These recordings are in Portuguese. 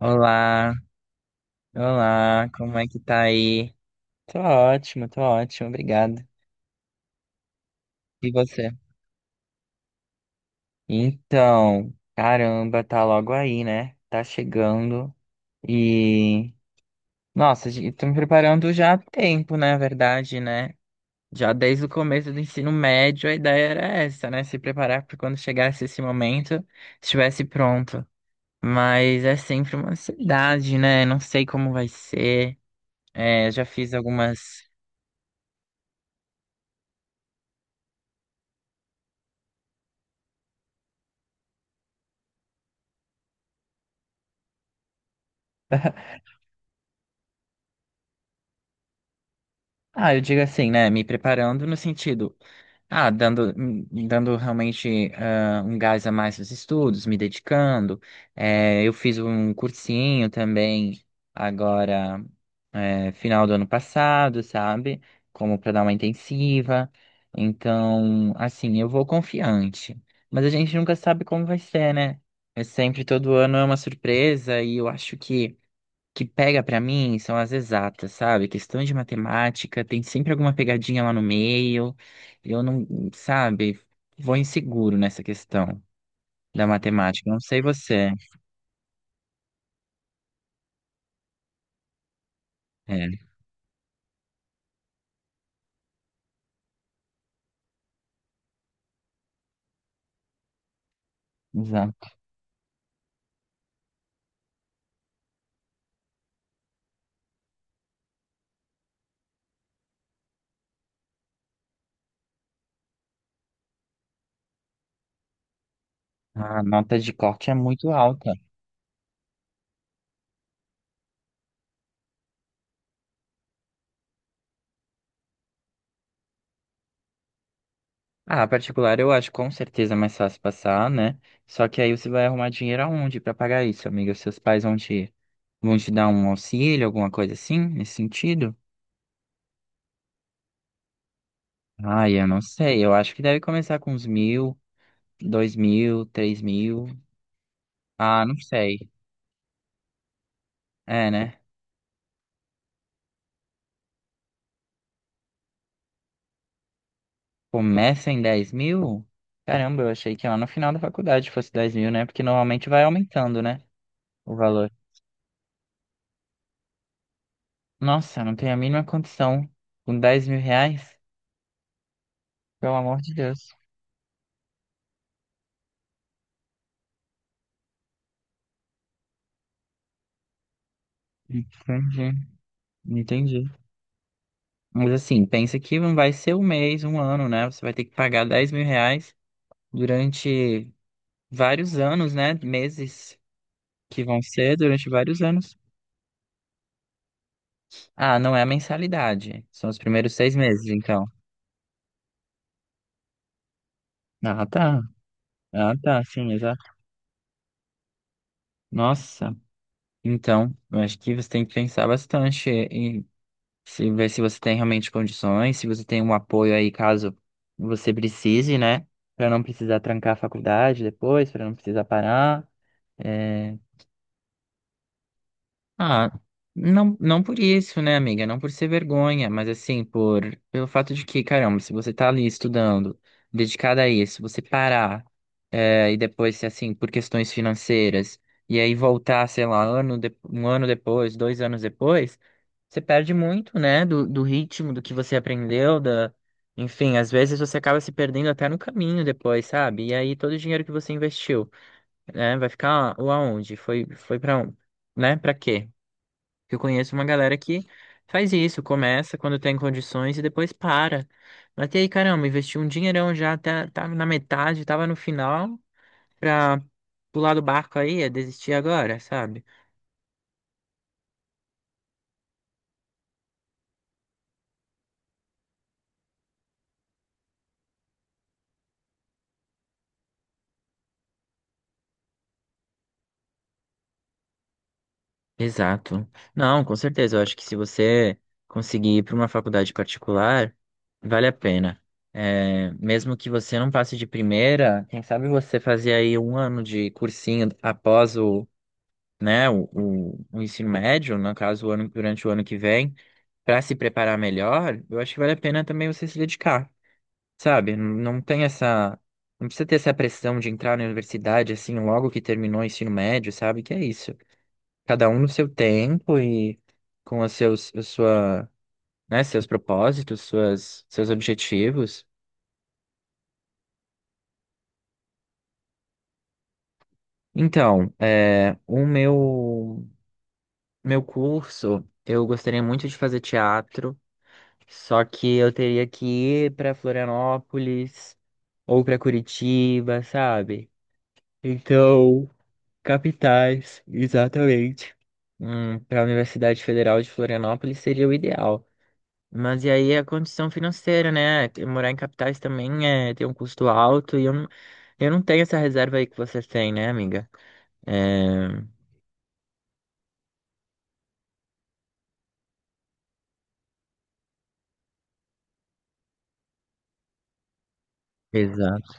Olá, olá, como é que tá aí? Tô ótimo, obrigado. E você? Então, caramba, tá logo aí, né? Tá chegando e. Nossa, gente, tô me preparando já há tempo, na verdade, né? Já desde o começo do ensino médio a ideia era essa, né? Se preparar para quando chegasse esse momento, estivesse pronto. Mas é sempre uma ansiedade, né? Não sei como vai ser. É, já fiz algumas. Ah, eu digo assim, né? Me preparando no sentido, dando, dando realmente um gás a mais nos estudos, me dedicando. Eu fiz um cursinho também agora, final do ano passado, sabe? Como para dar uma intensiva. Então, assim, eu vou confiante. Mas a gente nunca sabe como vai ser, né? É sempre todo ano é uma surpresa e eu acho que pega pra mim são as exatas, sabe? Questão de matemática, tem sempre alguma pegadinha lá no meio. Eu não, sabe, vou inseguro nessa questão da matemática. Não sei você. É, exato. A nota de corte é muito alta. Ah, a particular eu acho com certeza mais fácil passar, né? Só que aí você vai arrumar dinheiro aonde pra pagar isso, amiga? Seus pais vão te dar um auxílio, alguma coisa assim, nesse sentido? Ah, eu não sei. Eu acho que deve começar com uns 1.000. 2.000, 3.000. Ah, não sei. É, né? Começa em 10.000? Caramba, eu achei que lá no final da faculdade fosse 10.000, né? Porque normalmente vai aumentando, né? O valor. Nossa, eu não tenho a mínima condição. Com R$ 10.000? Pelo amor de Deus. Entendi, entendi. Mas assim, pensa que não vai ser um mês, um ano, né? Você vai ter que pagar R$ 10.000 durante vários anos, né? Meses que vão ser durante vários anos. Ah, não é a mensalidade. São os primeiros 6 meses, então. Ah, tá. Ah, tá, sim, exato. Nossa. Então, eu acho que você tem que pensar bastante e se ver se você tem realmente condições, se você tem um apoio aí caso você precise, né? Pra não precisar trancar a faculdade depois, pra não precisar parar. É. Ah, não, não por isso, né, amiga? Não por ser vergonha, mas assim, por pelo fato de que, caramba, se você tá ali estudando, dedicada a isso, você parar, e depois, se, assim, por questões financeiras, e aí voltar, sei lá, um ano depois, 2 anos depois, você perde muito, né, do ritmo, do que você aprendeu, da... Enfim, às vezes você acaba se perdendo até no caminho depois, sabe? E aí todo o dinheiro que você investiu, né, vai ficar aonde? Foi pra, um, né, pra quê? Que eu conheço uma galera que faz isso, começa quando tem condições e depois para. Mas e aí, caramba, investiu um dinheirão já, tá na metade, tava no final, pra pular do barco aí, é desistir agora, sabe? Exato. Não, com certeza, eu acho que se você conseguir ir para uma faculdade particular, vale a pena. É, mesmo que você não passe de primeira, quem sabe você fazer aí um ano de cursinho após o, né, o ensino médio, no caso, o ano, durante o ano que vem para se preparar melhor, eu acho que vale a pena também você se dedicar, sabe? Não não tem essa. Não precisa ter essa pressão de entrar na universidade assim logo que terminou o ensino médio, sabe? Que é isso. Cada um no seu tempo e com os seus, a sua, né, seus propósitos, suas, seus objetivos. Então, o meu curso, eu gostaria muito de fazer teatro, só que eu teria que ir para Florianópolis ou para Curitiba, sabe? Então, capitais, exatamente. Para a Universidade Federal de Florianópolis seria o ideal. Mas e aí a condição financeira, né? Que morar em capitais também é, tem um custo alto e eu, eu não tenho essa reserva aí que você tem né, amiga? É, exato,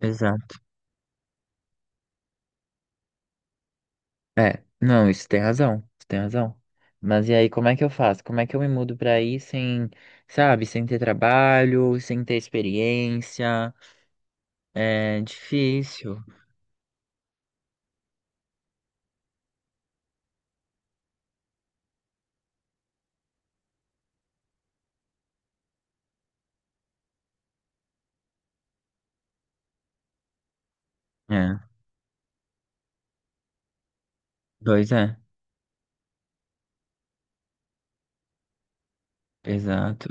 exato. É, não, isso tem razão, isso tem razão. Mas e aí, como é que eu faço? Como é que eu me mudo para aí sem, sabe, sem ter trabalho, sem ter experiência? É difícil. É, pois é. Exato.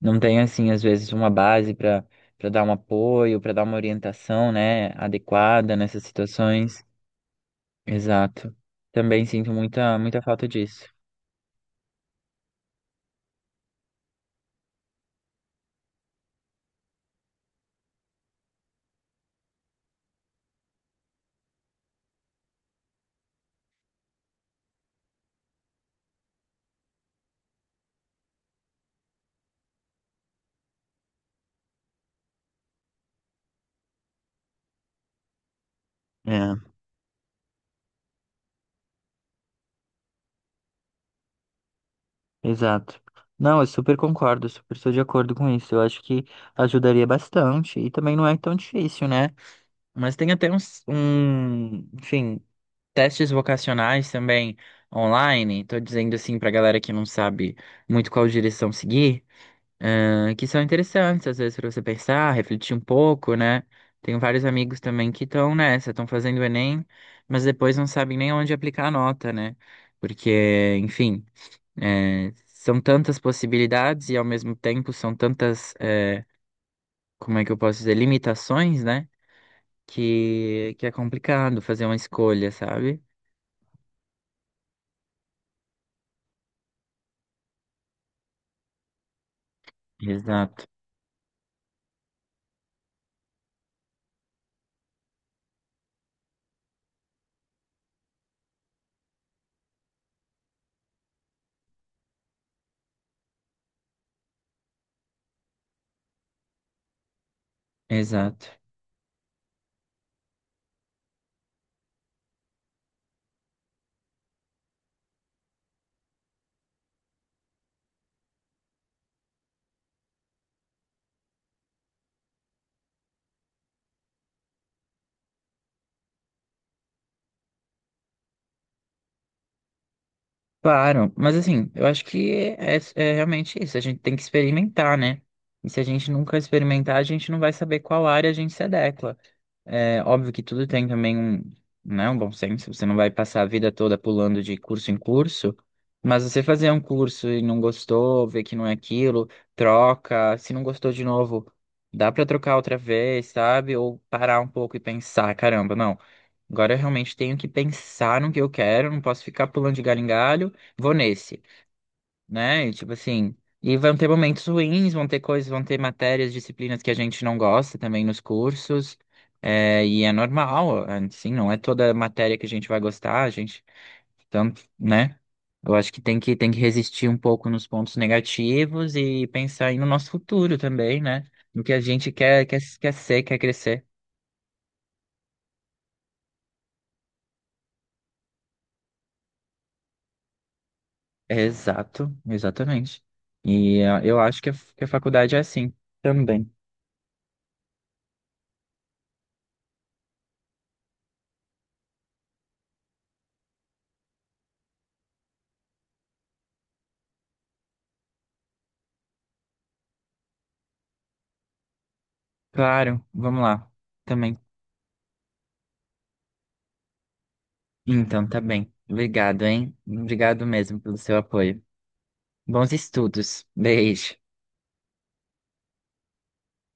Não tem assim às vezes uma base para dar um apoio, para dar uma orientação, né, adequada nessas situações. Exato. Também sinto muita muita falta disso. É, exato. Não, eu super concordo, super estou de acordo com isso. Eu acho que ajudaria bastante e também não é tão difícil, né? Mas tem até um, enfim, testes vocacionais também online. Tô dizendo assim pra galera que não sabe muito qual direção seguir. Que são interessantes, às vezes, para você pensar, refletir um pouco, né? Tenho vários amigos também que estão nessa, estão fazendo o Enem, mas depois não sabem nem onde aplicar a nota, né? Porque, enfim, são tantas possibilidades e, ao mesmo tempo, são tantas, como é que eu posso dizer, limitações, né? Que é complicado fazer uma escolha, sabe? Exato, exato. Claro, mas assim, eu acho que é realmente isso. A gente tem que experimentar, né? E se a gente nunca experimentar, a gente não vai saber qual área a gente se adequa. É óbvio que tudo tem também né, um bom senso. Você não vai passar a vida toda pulando de curso em curso, mas você fazer um curso e não gostou, ver que não é aquilo, troca. Se não gostou de novo, dá pra trocar outra vez, sabe? Ou parar um pouco e pensar, caramba, não. Agora eu realmente tenho que pensar no que eu quero, não posso ficar pulando de galho em galho, vou nesse né? E, tipo assim, e vão ter momentos ruins, vão ter coisas, vão ter matérias, disciplinas que a gente não gosta também nos cursos. É, e é normal, assim, não é toda matéria que a gente vai gostar, a gente, tanto, né? Eu acho que tem que resistir um pouco nos pontos negativos e pensar aí no nosso futuro também, né? No que a gente quer, quer ser, quer crescer. Exato, exatamente. E eu acho que que a faculdade é assim também. Claro, vamos lá. Também. Então, tá bem. Obrigado, hein? Obrigado mesmo pelo seu apoio. Bons estudos. Beijo.